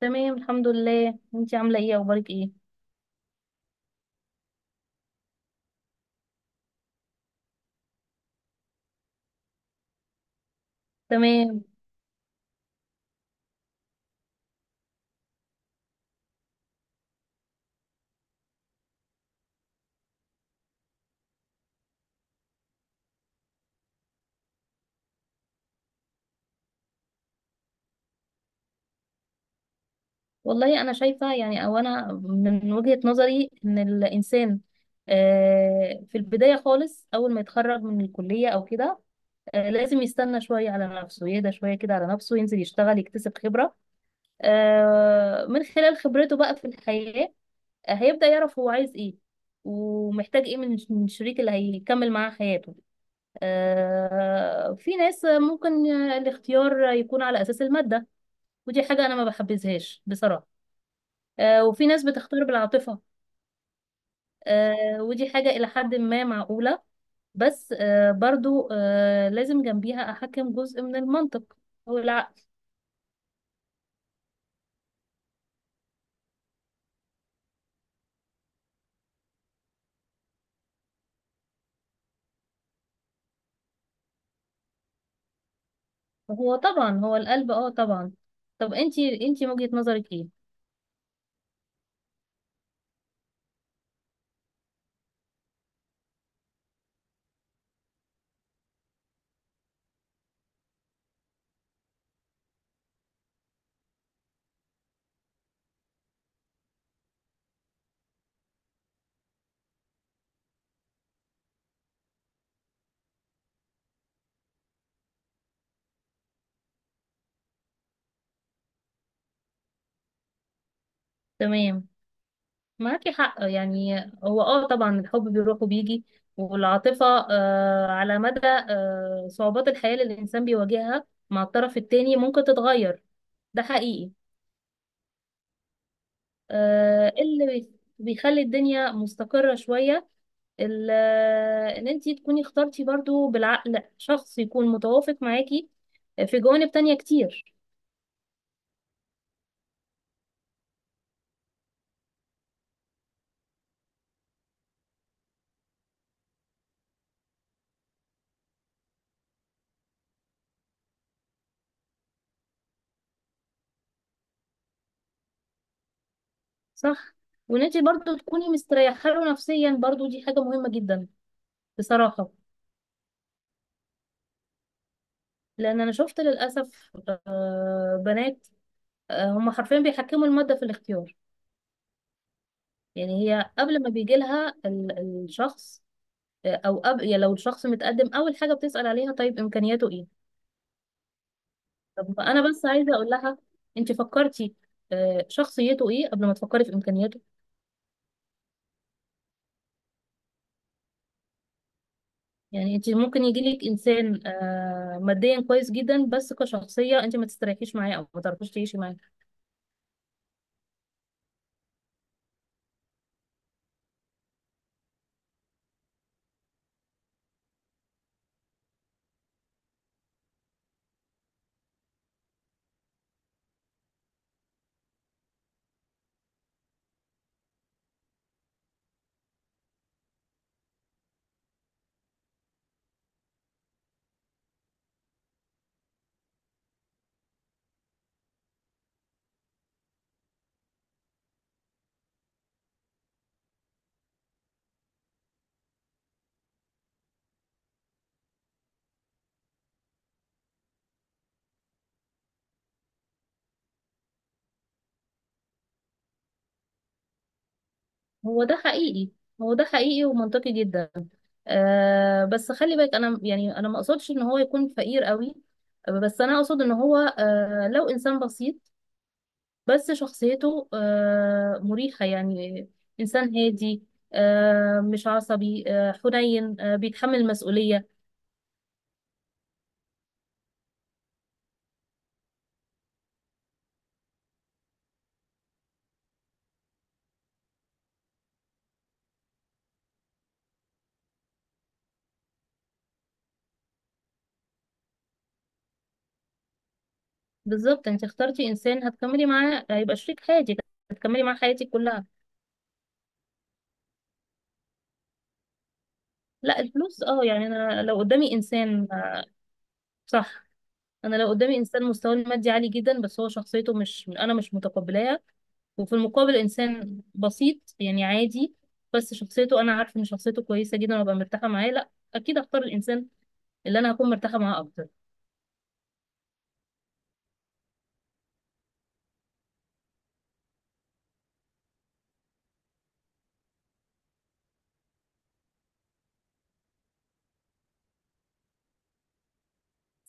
تمام، الحمد لله. انتي عامله ايه؟ اخبارك ايه؟ تمام. والله انا شايفه يعني، او انا من وجهه نظري ان الانسان في البدايه خالص اول ما يتخرج من الكليه او كده، لازم يستنى شويه على نفسه، يهدى شويه كده على نفسه، ينزل يشتغل يكتسب خبره، من خلال خبرته بقى في الحياه هيبدا يعرف هو عايز ايه ومحتاج ايه من الشريك اللي هيكمل معاه حياته. في ناس ممكن الاختيار يكون على اساس الماده، ودي حاجة أنا ما بحبذهاش بصراحة. وفي ناس بتختار بالعاطفة. ودي حاجة إلى حد ما معقولة، بس برضو لازم جنبيها أحكم جزء من المنطق، هو العقل. هو طبعا هو القلب طبعا. طب انتي من وجهة نظرك ايه؟ تمام. معاكي حق يعني. هو طبعا الحب بيروح وبيجي، والعاطفة على مدى صعوبات الحياة اللي الإنسان بيواجهها مع الطرف التاني ممكن تتغير. ده حقيقي. اللي بيخلي الدنيا مستقرة شوية، ان انتي تكوني اخترتي برضو بالعقل شخص يكون متوافق معاكي في جوانب تانية كتير. صح. وان انتي برضو تكوني مستريحة له نفسيا، برضو دي حاجة مهمة جدا بصراحة. لان انا شفت للأسف بنات هم حرفيا بيحكموا المادة في الاختيار. يعني هي قبل ما بيجي لها الشخص، او قبل يعني لو الشخص متقدم، اول حاجة بتسأل عليها طيب امكانياته ايه. طب انا بس عايزه اقول لها انت فكرتي شخصيته ايه قبل ما تفكري في امكانياته. يعني انت ممكن يجي لك انسان ماديا كويس جدا، بس كشخصيه انت ما تستريحيش معاه او ما تعرفيش تعيشي معاه. هو ده حقيقي. هو ده حقيقي ومنطقي جدا. بس خلي بالك انا يعني انا ما اقصدش ان هو يكون فقير قوي، بس انا اقصد ان هو لو انسان بسيط بس شخصيته مريحة يعني. إنسان هادي، مش عصبي، حنين، بيتحمل المسؤولية. بالظبط. انت اخترتي إنسان هتكملي معاه، هيبقى شريك حياتك، هتكملي معاه حياتك كلها. لا الفلوس يعني أنا لو قدامي إنسان صح. أنا لو قدامي إنسان مستواه المادي عالي جدا بس هو شخصيته مش، أنا مش متقبلاها، وفي المقابل إنسان بسيط يعني عادي بس شخصيته أنا عارفة إن شخصيته كويسة جدا وأبقى مرتاحة معاه، لا أكيد أختار الإنسان اللي أنا هكون مرتاحة معاه أكتر.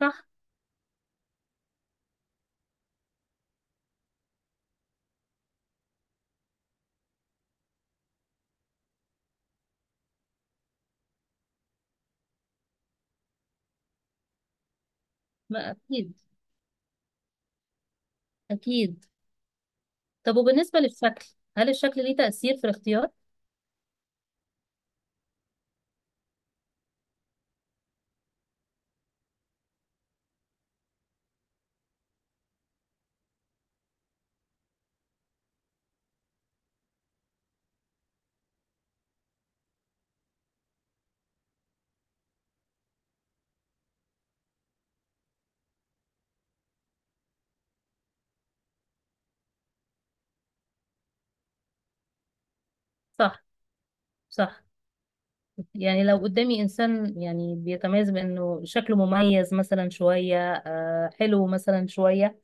صح. ما أكيد. أكيد. طب وبالنسبة للشكل، هل الشكل ليه تأثير في الاختيار؟ صح، صح. يعني لو قدامي إنسان يعني بيتميز بأنه شكله مميز مثلا شوية، حلو مثلا شوية،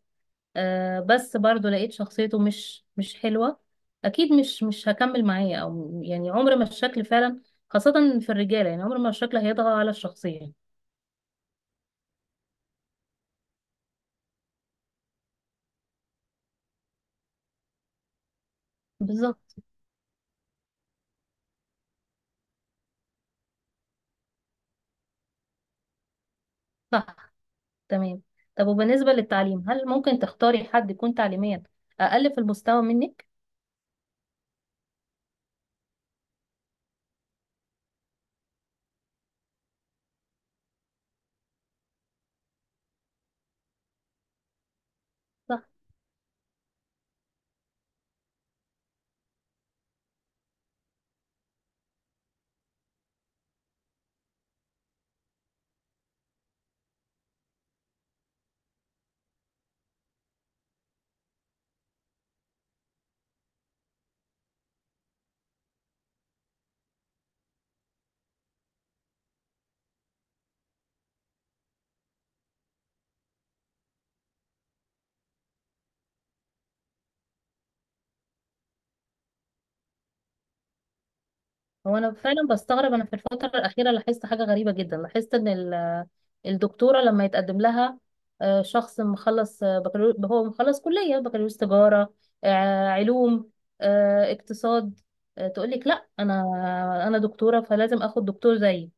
بس برضه لقيت شخصيته مش حلوة، أكيد مش هكمل معاه. أو يعني عمر ما الشكل فعلا، خاصة في الرجالة، يعني عمر ما الشكل هيطغى على الشخصية. بالظبط. صح. تمام. طب وبالنسبة للتعليم، هل ممكن تختاري حد يكون تعليميا أقل في المستوى منك؟ صح. هو أنا فعلا بستغرب. أنا في الفترة الأخيرة لاحظت حاجة غريبة جدا. لاحظت إن الدكتورة لما يتقدم لها شخص مخلص، بكالوريوس، هو مخلص كلية بكالوريوس تجارة، علوم، اقتصاد، تقول لك لا، أنا، أنا دكتورة فلازم آخد دكتور زيي.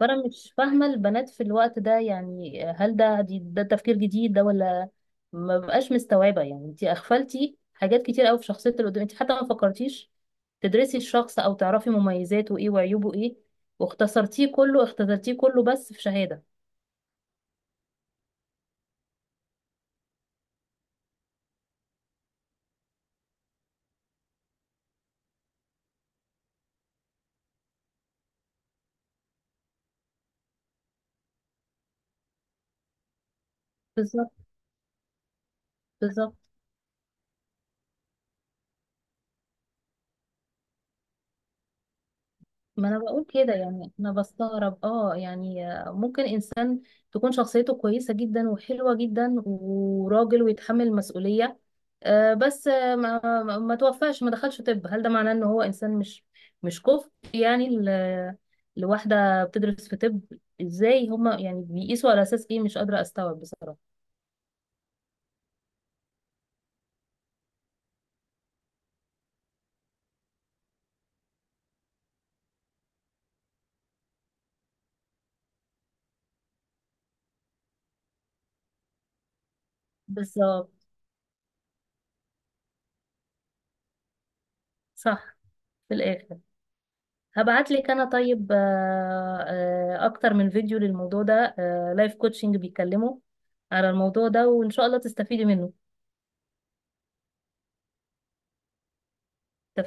فانا مش فاهمه البنات في الوقت ده. يعني هل ده ده تفكير جديد ده؟ ولا ما بقاش مستوعبه. يعني انت اغفلتي حاجات كتير قوي في شخصيه اللي قدام، انت حتى ما فكرتيش تدرسي الشخص او تعرفي مميزاته ايه وعيوبه ايه. واختصرتيه كله، اختصرتيه كله بس في شهاده. بالظبط، بالظبط. ما انا بقول كده يعني. انا بستغرب يعني ممكن انسان تكون شخصيته كويسة جدا وحلوة جدا، وراجل ويتحمل مسؤولية، بس ما توفاش، ما دخلش طب. هل ده معناه ان هو انسان مش، مش كفء يعني لواحدة بتدرس في طب؟ ازاي هما يعني بيقيسوا على اساس ايه؟ مش قادرة استوعب بصراحة. بالظبط. صح. في الاخر هبعت لك انا، طيب، اكتر من فيديو للموضوع ده، لايف كوتشنج بيتكلموا على الموضوع ده، وان شاء الله تستفيدي منه.